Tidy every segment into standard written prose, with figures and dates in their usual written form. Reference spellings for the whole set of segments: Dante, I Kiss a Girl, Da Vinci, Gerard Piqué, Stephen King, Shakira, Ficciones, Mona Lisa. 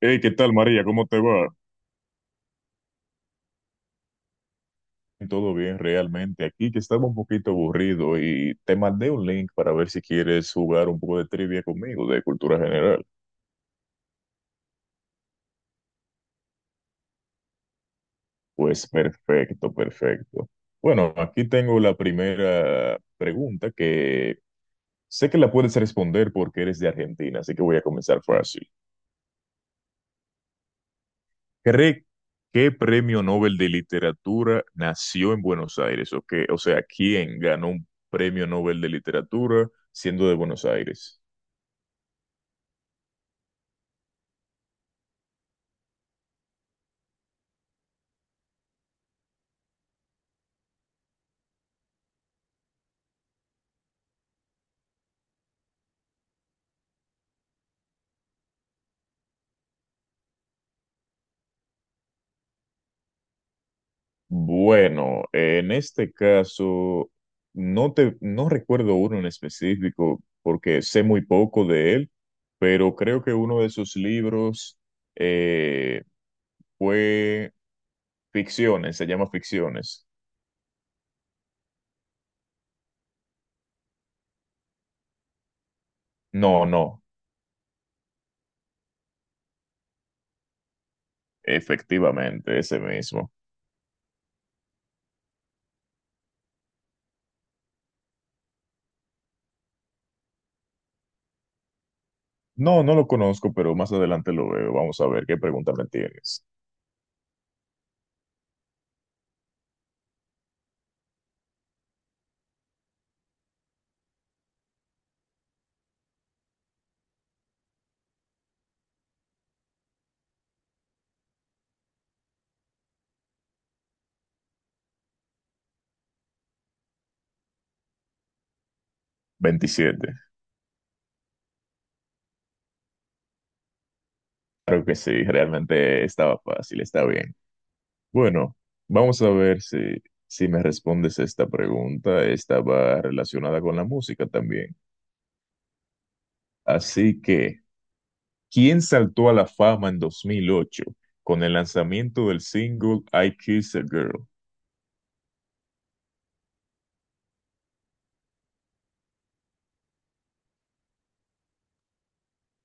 Hey, ¿qué tal, María? ¿Cómo te va? Todo bien, realmente. Aquí que estaba un poquito aburrido y te mandé un link para ver si quieres jugar un poco de trivia conmigo de cultura general. Pues perfecto, perfecto. Bueno, aquí tengo la primera pregunta que sé que la puedes responder porque eres de Argentina, así que voy a comenzar fácil. ¿Cree qué premio Nobel de literatura nació en Buenos Aires? ¿O qué? O sea, ¿quién ganó un premio Nobel de literatura siendo de Buenos Aires? Bueno, en este caso, no recuerdo uno en específico porque sé muy poco de él, pero creo que uno de sus libros eh, fue Ficciones, se llama Ficciones. No, no, efectivamente, ese mismo. No, no lo conozco, pero más adelante lo veo. Vamos a ver qué pregunta me tienes. Veintisiete. Claro que sí, realmente estaba fácil, está bien. Bueno, vamos a ver si me respondes esta pregunta. Esta va relacionada con la música también. Así que, ¿quién saltó a la fama en 2008 con el lanzamiento del single I Kiss a Girl?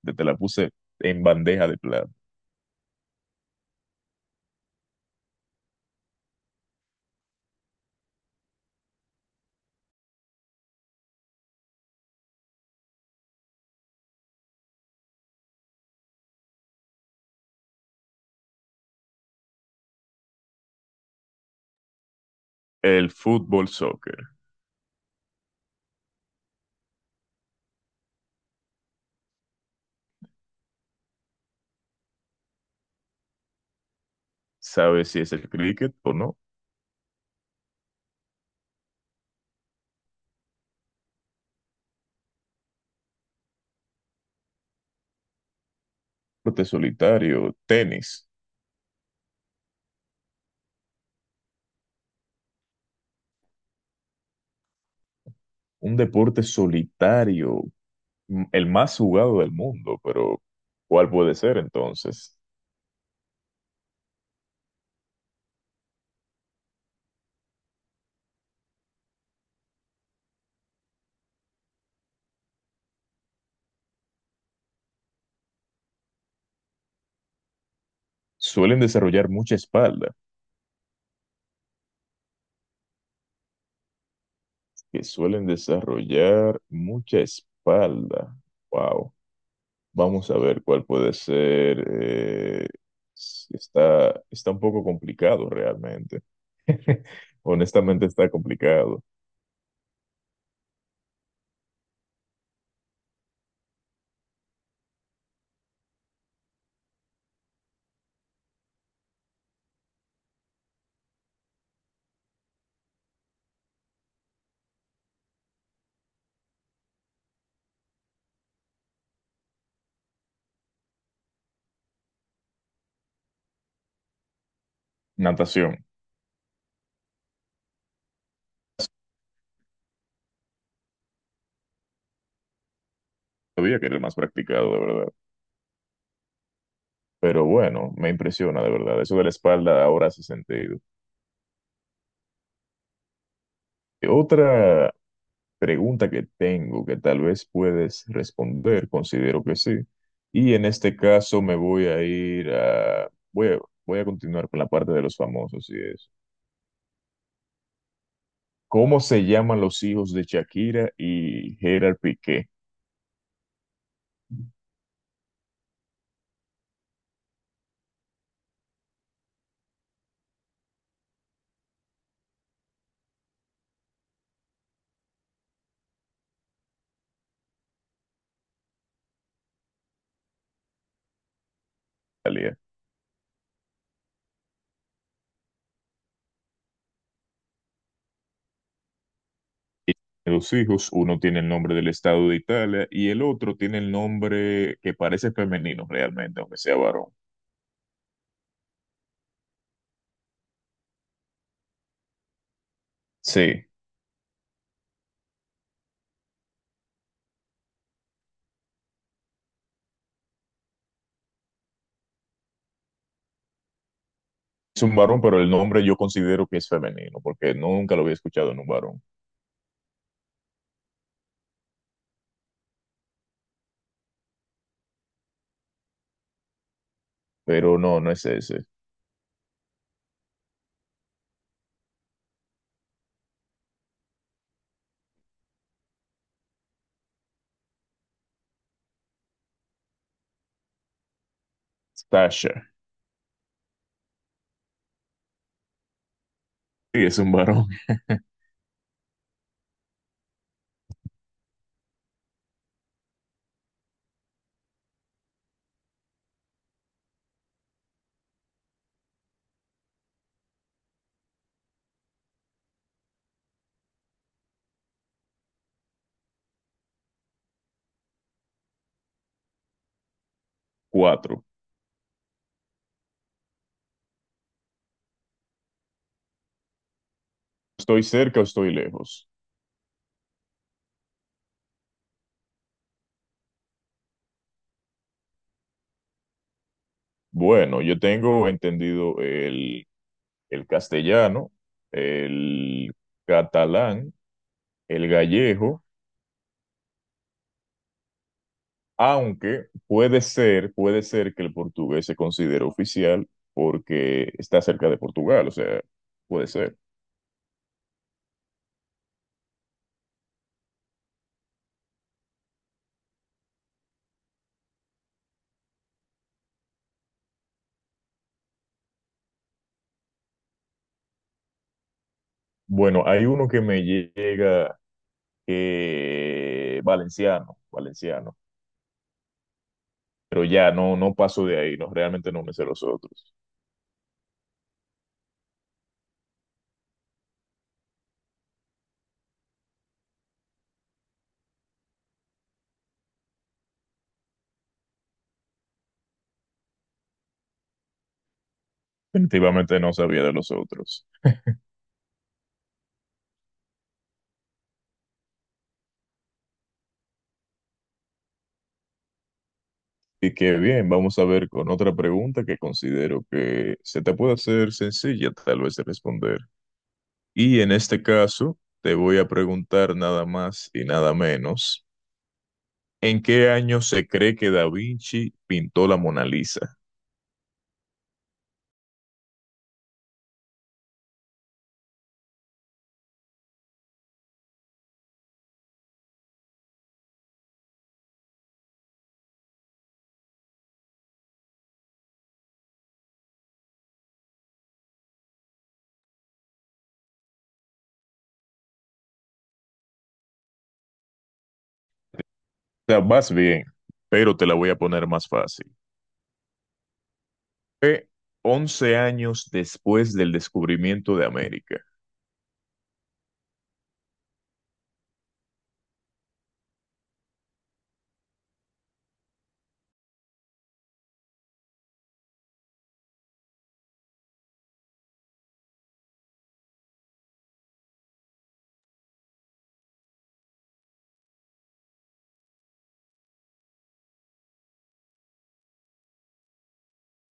Que te la puse en bandeja de plata. El fútbol soccer. ¿Sabes si es el cricket o no? Deporte solitario, tenis. Un deporte solitario, el más jugado del mundo, pero ¿cuál puede ser entonces? Suelen desarrollar mucha espalda, que suelen desarrollar mucha espalda. Wow. Vamos a ver cuál puede ser. Está, está un poco complicado realmente. Honestamente está complicado. Natación. Sabía que era el más practicado, de verdad. Pero bueno, me impresiona, de verdad. Eso de la espalda ahora hace sentido. Otra pregunta que tengo que tal vez puedes responder, considero que sí. Y en este caso me voy a ir a... voy a continuar con la parte de los famosos y eso. ¿Cómo se llaman los hijos de Shakira y Gerard Piqué? Italia. Y los hijos, uno tiene el nombre del estado de Italia y el otro tiene el nombre que parece femenino realmente, aunque sea varón. Sí, es un varón, pero el nombre yo considero que es femenino, porque nunca lo había escuchado en un varón. Pero no, no es ese. Sasha, y es un varón. Cuatro. ¿Estoy cerca o estoy lejos? Bueno, yo tengo entendido el castellano, el catalán, el gallego, aunque puede ser que el portugués se considere oficial porque está cerca de Portugal, o sea, puede ser. Bueno, hay uno que me llega valenciano, valenciano, pero ya no, no paso de ahí, no, realmente no me sé los otros. Definitivamente no sabía de los otros. Y que bien, vamos a ver con otra pregunta que considero que se te puede hacer sencilla tal vez de responder. Y en este caso, te voy a preguntar nada más y nada menos, ¿en qué año se cree que Da Vinci pintó la Mona Lisa? O sea, vas bien, pero te la voy a poner más fácil. Fue 11 años después del descubrimiento de América.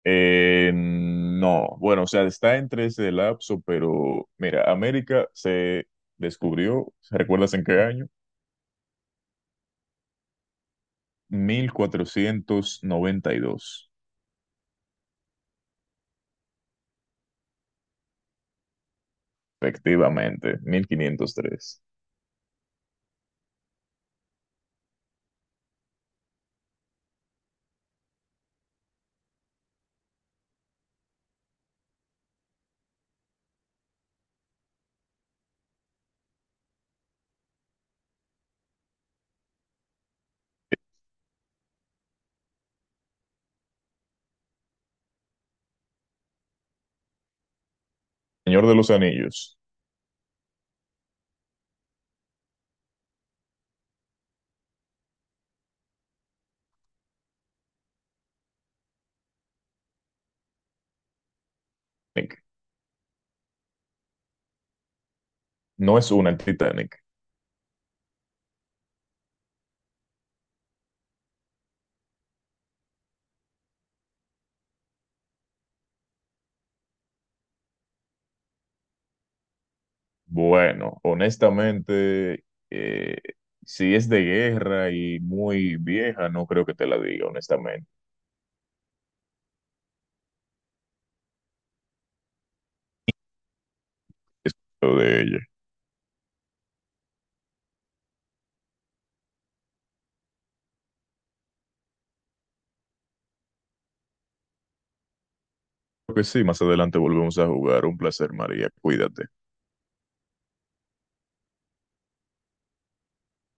No, bueno, o sea, está entre ese lapso, pero mira, América se descubrió, ¿recuerdas en qué año? 1492, efectivamente, 1503. Señor de los Anillos, Nick, no es una, el Titanic. Bueno, honestamente, eh, si es de guerra y muy vieja, no creo que te la diga, honestamente, es lo de ella. Creo que sí, más adelante volvemos a jugar. Un placer, María, cuídate.